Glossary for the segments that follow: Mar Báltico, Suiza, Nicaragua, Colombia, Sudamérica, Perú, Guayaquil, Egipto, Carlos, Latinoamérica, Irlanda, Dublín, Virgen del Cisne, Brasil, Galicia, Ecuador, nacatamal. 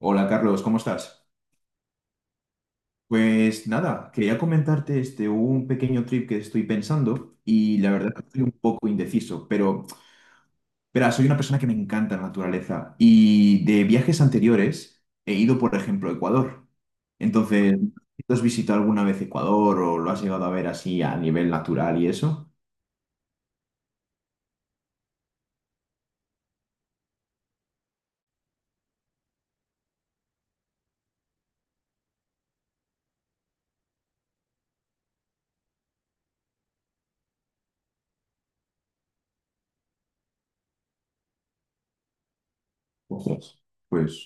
Hola Carlos, ¿cómo estás? Pues nada, quería comentarte un pequeño trip que estoy pensando y la verdad que estoy un poco indeciso, pero verá, soy una persona que me encanta la naturaleza y de viajes anteriores he ido, por ejemplo, a Ecuador. Entonces, ¿tú has visitado alguna vez Ecuador o lo has llegado a ver así a nivel natural y eso? Pues, pues,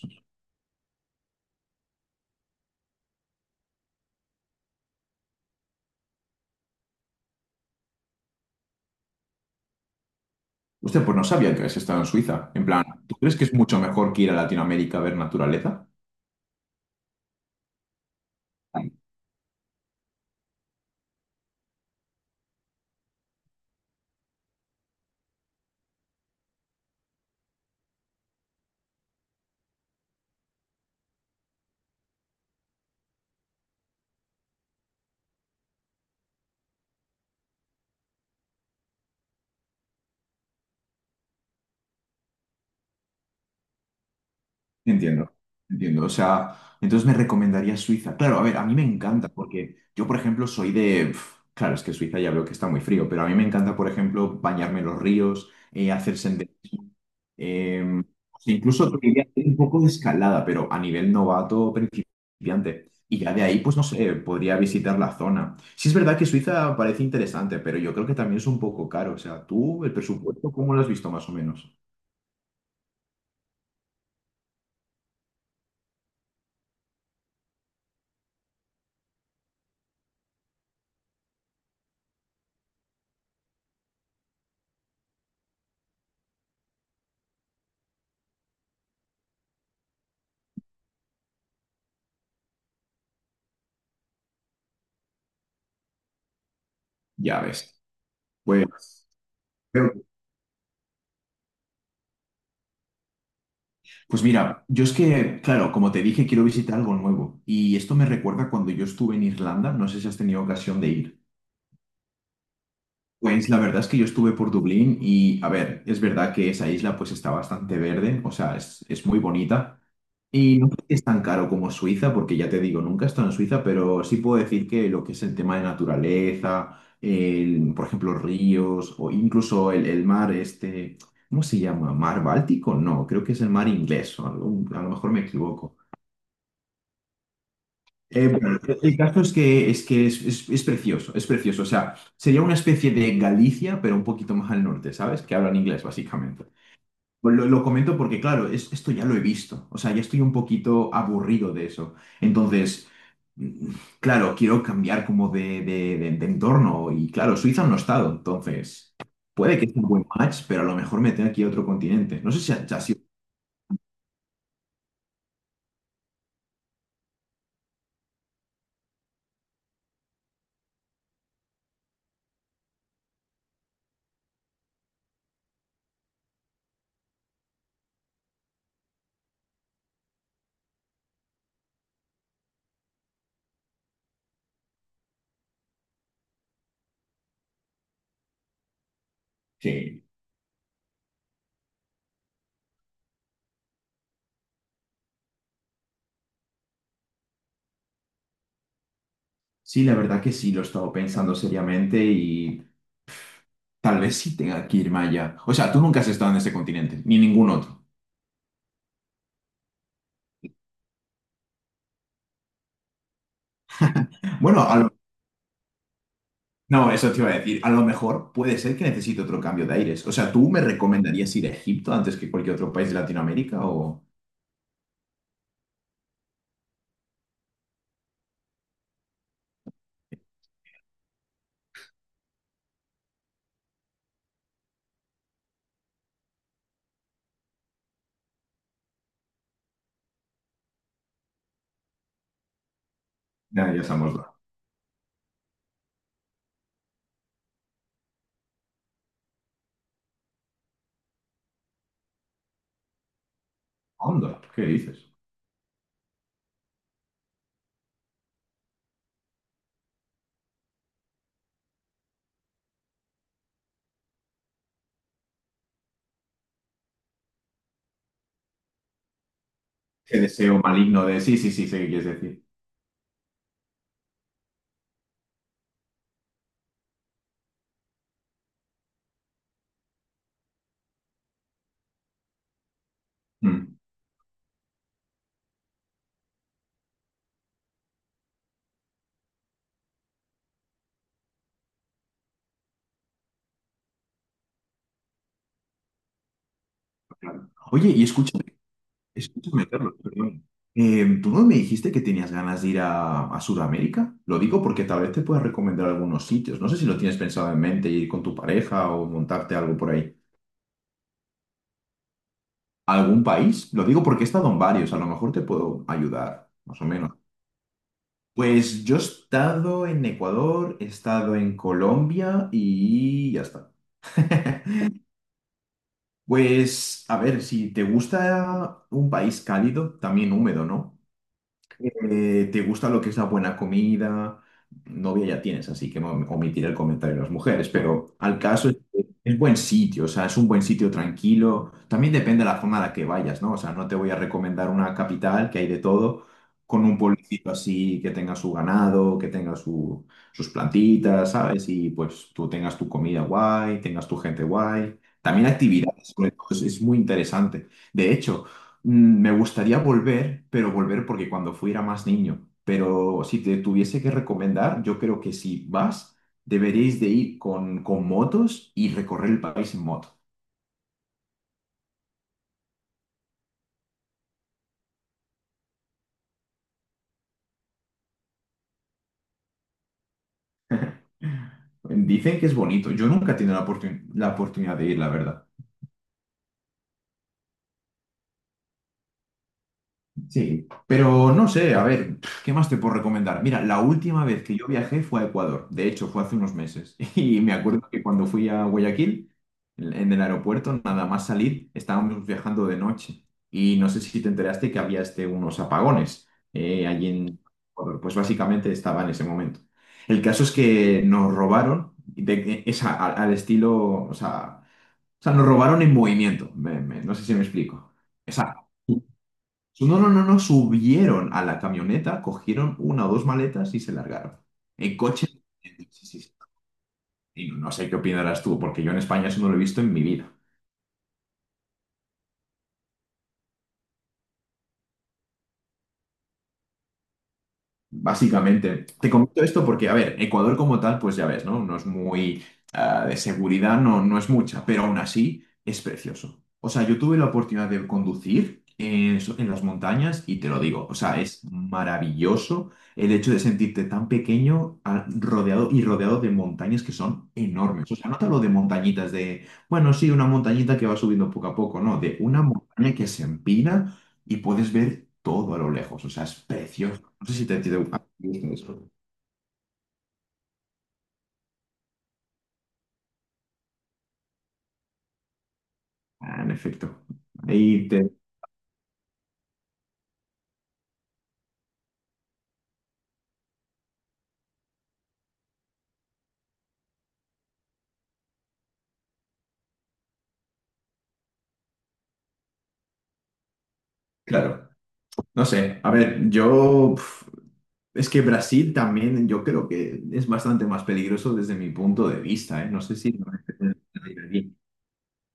pues no sabía que habías estado en Suiza. En plan, ¿tú crees que es mucho mejor que ir a Latinoamérica a ver naturaleza? Entiendo, entiendo. O sea, entonces me recomendaría Suiza. Claro, a ver, a mí me encanta porque yo, por ejemplo, claro, es que Suiza ya veo que está muy frío, pero a mí me encanta, por ejemplo, bañarme en los ríos, hacer senderismo. eh, Incluso te diría hacer un poco de escalada, pero a nivel novato principiante. Y ya de ahí, pues no sé, podría visitar la zona. Sí es verdad que Suiza parece interesante, pero yo creo que también es un poco caro. O sea, tú, el presupuesto, ¿cómo lo has visto más o menos? Ya ves. Pues... Pues mira, yo es que, claro, como te dije, quiero visitar algo nuevo. Y esto me recuerda cuando yo estuve en Irlanda, no sé si has tenido ocasión de ir. Pues la verdad es que yo estuve por Dublín y, a ver, es verdad que esa isla pues está bastante verde, o sea, es muy bonita. Y no creo que es tan caro como Suiza, porque ya te digo, nunca he estado en Suiza, pero sí puedo decir que lo que es el tema de naturaleza, el, por ejemplo, ríos o incluso el mar este, ¿cómo se llama? ¿Mar Báltico? No, creo que es el mar inglés, o a lo mejor me equivoco. Eh, bueno, el caso es que, es precioso, es precioso. O sea, sería una especie de Galicia, pero un poquito más al norte, ¿sabes? Que hablan inglés, básicamente. Pues lo comento porque, claro, esto ya lo he visto. O sea, ya estoy un poquito aburrido de eso. Entonces, mm, claro, quiero cambiar como de entorno. Y claro, Suiza no ha estado. Entonces, puede que sea un buen match, pero a lo mejor me tenga que ir a otro continente. No sé si ha sido... Sí. Sí, la verdad que sí, lo he estado pensando seriamente y... Tal vez sí tenga que irme allá. O sea, tú nunca has estado en este continente, ni en ningún otro. Bueno, a lo- no, eso te iba a decir. A lo mejor puede ser que necesite otro cambio de aires. O sea, ¿tú me recomendarías ir a Egipto antes que cualquier otro país de Latinoamérica o...? Ya, ya estamos la onda. ¿Qué dices? Ese deseo maligno de... Sí, sí, sí, sé qué quieres decir. Mm, claro. Oye, y escucha escúchame, Carlos, perdón. ¿Tú no me dijiste que tenías ganas de ir a Sudamérica? Lo digo porque tal vez te pueda recomendar algunos sitios. No sé si lo tienes pensado en mente, ir con tu pareja o montarte algo por ahí. ¿Algún país? Lo digo porque he estado en varios, a lo mejor te puedo ayudar, más o menos. Pues yo he estado en Ecuador, he estado en Colombia y ya está. Pues, a ver, si te gusta un país cálido, también húmedo, ¿no? ¿Te gusta lo que es la buena comida? Novia ya tienes, así que omitiré el comentario de las mujeres, pero al caso es, que es buen sitio, o sea, es un buen sitio tranquilo. También depende de la zona a la que vayas, ¿no? O sea, no te voy a recomendar una capital que hay de todo, con un pueblecito así que tenga su ganado, que tenga sus plantitas, ¿sabes? Y pues tú tengas tu comida guay, tengas tu gente guay. También actividades, sobre todo, es muy interesante. De hecho, Me gustaría volver, pero volver porque cuando fui era más niño. Pero si te tuviese que recomendar, yo creo que si vas, deberíais de ir con motos y recorrer el país en moto. Dicen que es bonito. Yo nunca he tenido la oportunidad de ir, la verdad. Sí, pero no sé, a ver, ¿qué más te puedo recomendar? Mira, la última vez que yo viajé fue a Ecuador, de hecho fue hace unos meses, y me acuerdo que cuando fui a Guayaquil, en el aeropuerto, nada más salir, estábamos viajando de noche, y no sé si te enteraste que había unos apagones allí en Ecuador, pues básicamente estaba en ese momento. El caso es que nos robaron, al estilo, o sea, nos robaron en movimiento, no sé si me explico. Exacto. No, no, no, no, subieron a la camioneta, cogieron una o dos maletas y se largaron. En coche. Sí, sí, sí. Y no sé qué opinarás tú, porque yo en España eso no lo he visto en mi vida. Básicamente, te comento esto porque, a ver, Ecuador como tal, pues ya ves, ¿no? No es muy, de seguridad, no es mucha, pero aún así es precioso. O sea, yo tuve la oportunidad de conducir en las montañas y te lo digo, o sea, es maravilloso el hecho de sentirte tan pequeño rodeado y rodeado de montañas que son enormes. O sea, no te hablo de montañitas de, bueno, sí, una montañita que va subiendo poco a poco, no, de una montaña que se empina y puedes ver todo a lo lejos, o sea, es precioso. No sé si te gusta eso. Ah, en efecto. Ahí te. Claro. No sé. A ver, es que Brasil también, yo creo que es bastante más peligroso desde mi punto de vista, ¿eh? No sé si.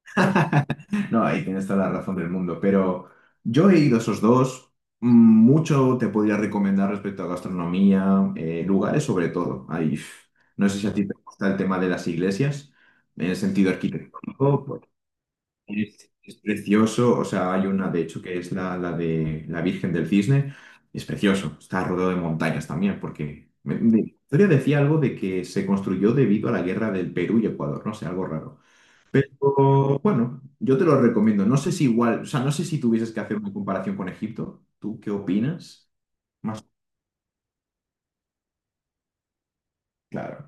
No, ahí tienes toda la razón del mundo. Pero yo he ido a esos dos. Mm, Mucho te podría recomendar respecto a gastronomía, lugares sobre todo. No sé si a ti te gusta el tema de las iglesias, en el sentido arquitectónico. Es precioso, o sea, hay una de hecho que es la de la Virgen del Cisne, es precioso, está rodeado de montañas también, porque la historia decía algo de que se construyó debido a la guerra del Perú y Ecuador, no sé, algo raro. Pero bueno, yo te lo recomiendo, no sé si igual, o sea, no sé si tuvieses que hacer una comparación con Egipto, ¿tú qué opinas? Más claro.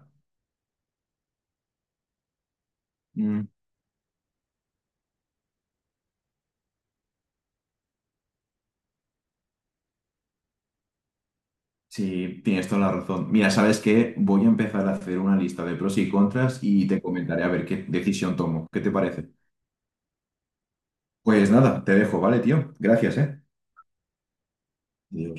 Mm, sí, tienes toda la razón. Mira, ¿sabes qué? Voy a empezar a hacer una lista de pros y contras y te comentaré a ver qué decisión tomo. ¿Qué te parece? Pues nada, te dejo, ¿vale, tío? Gracias, ¿eh? Adiós.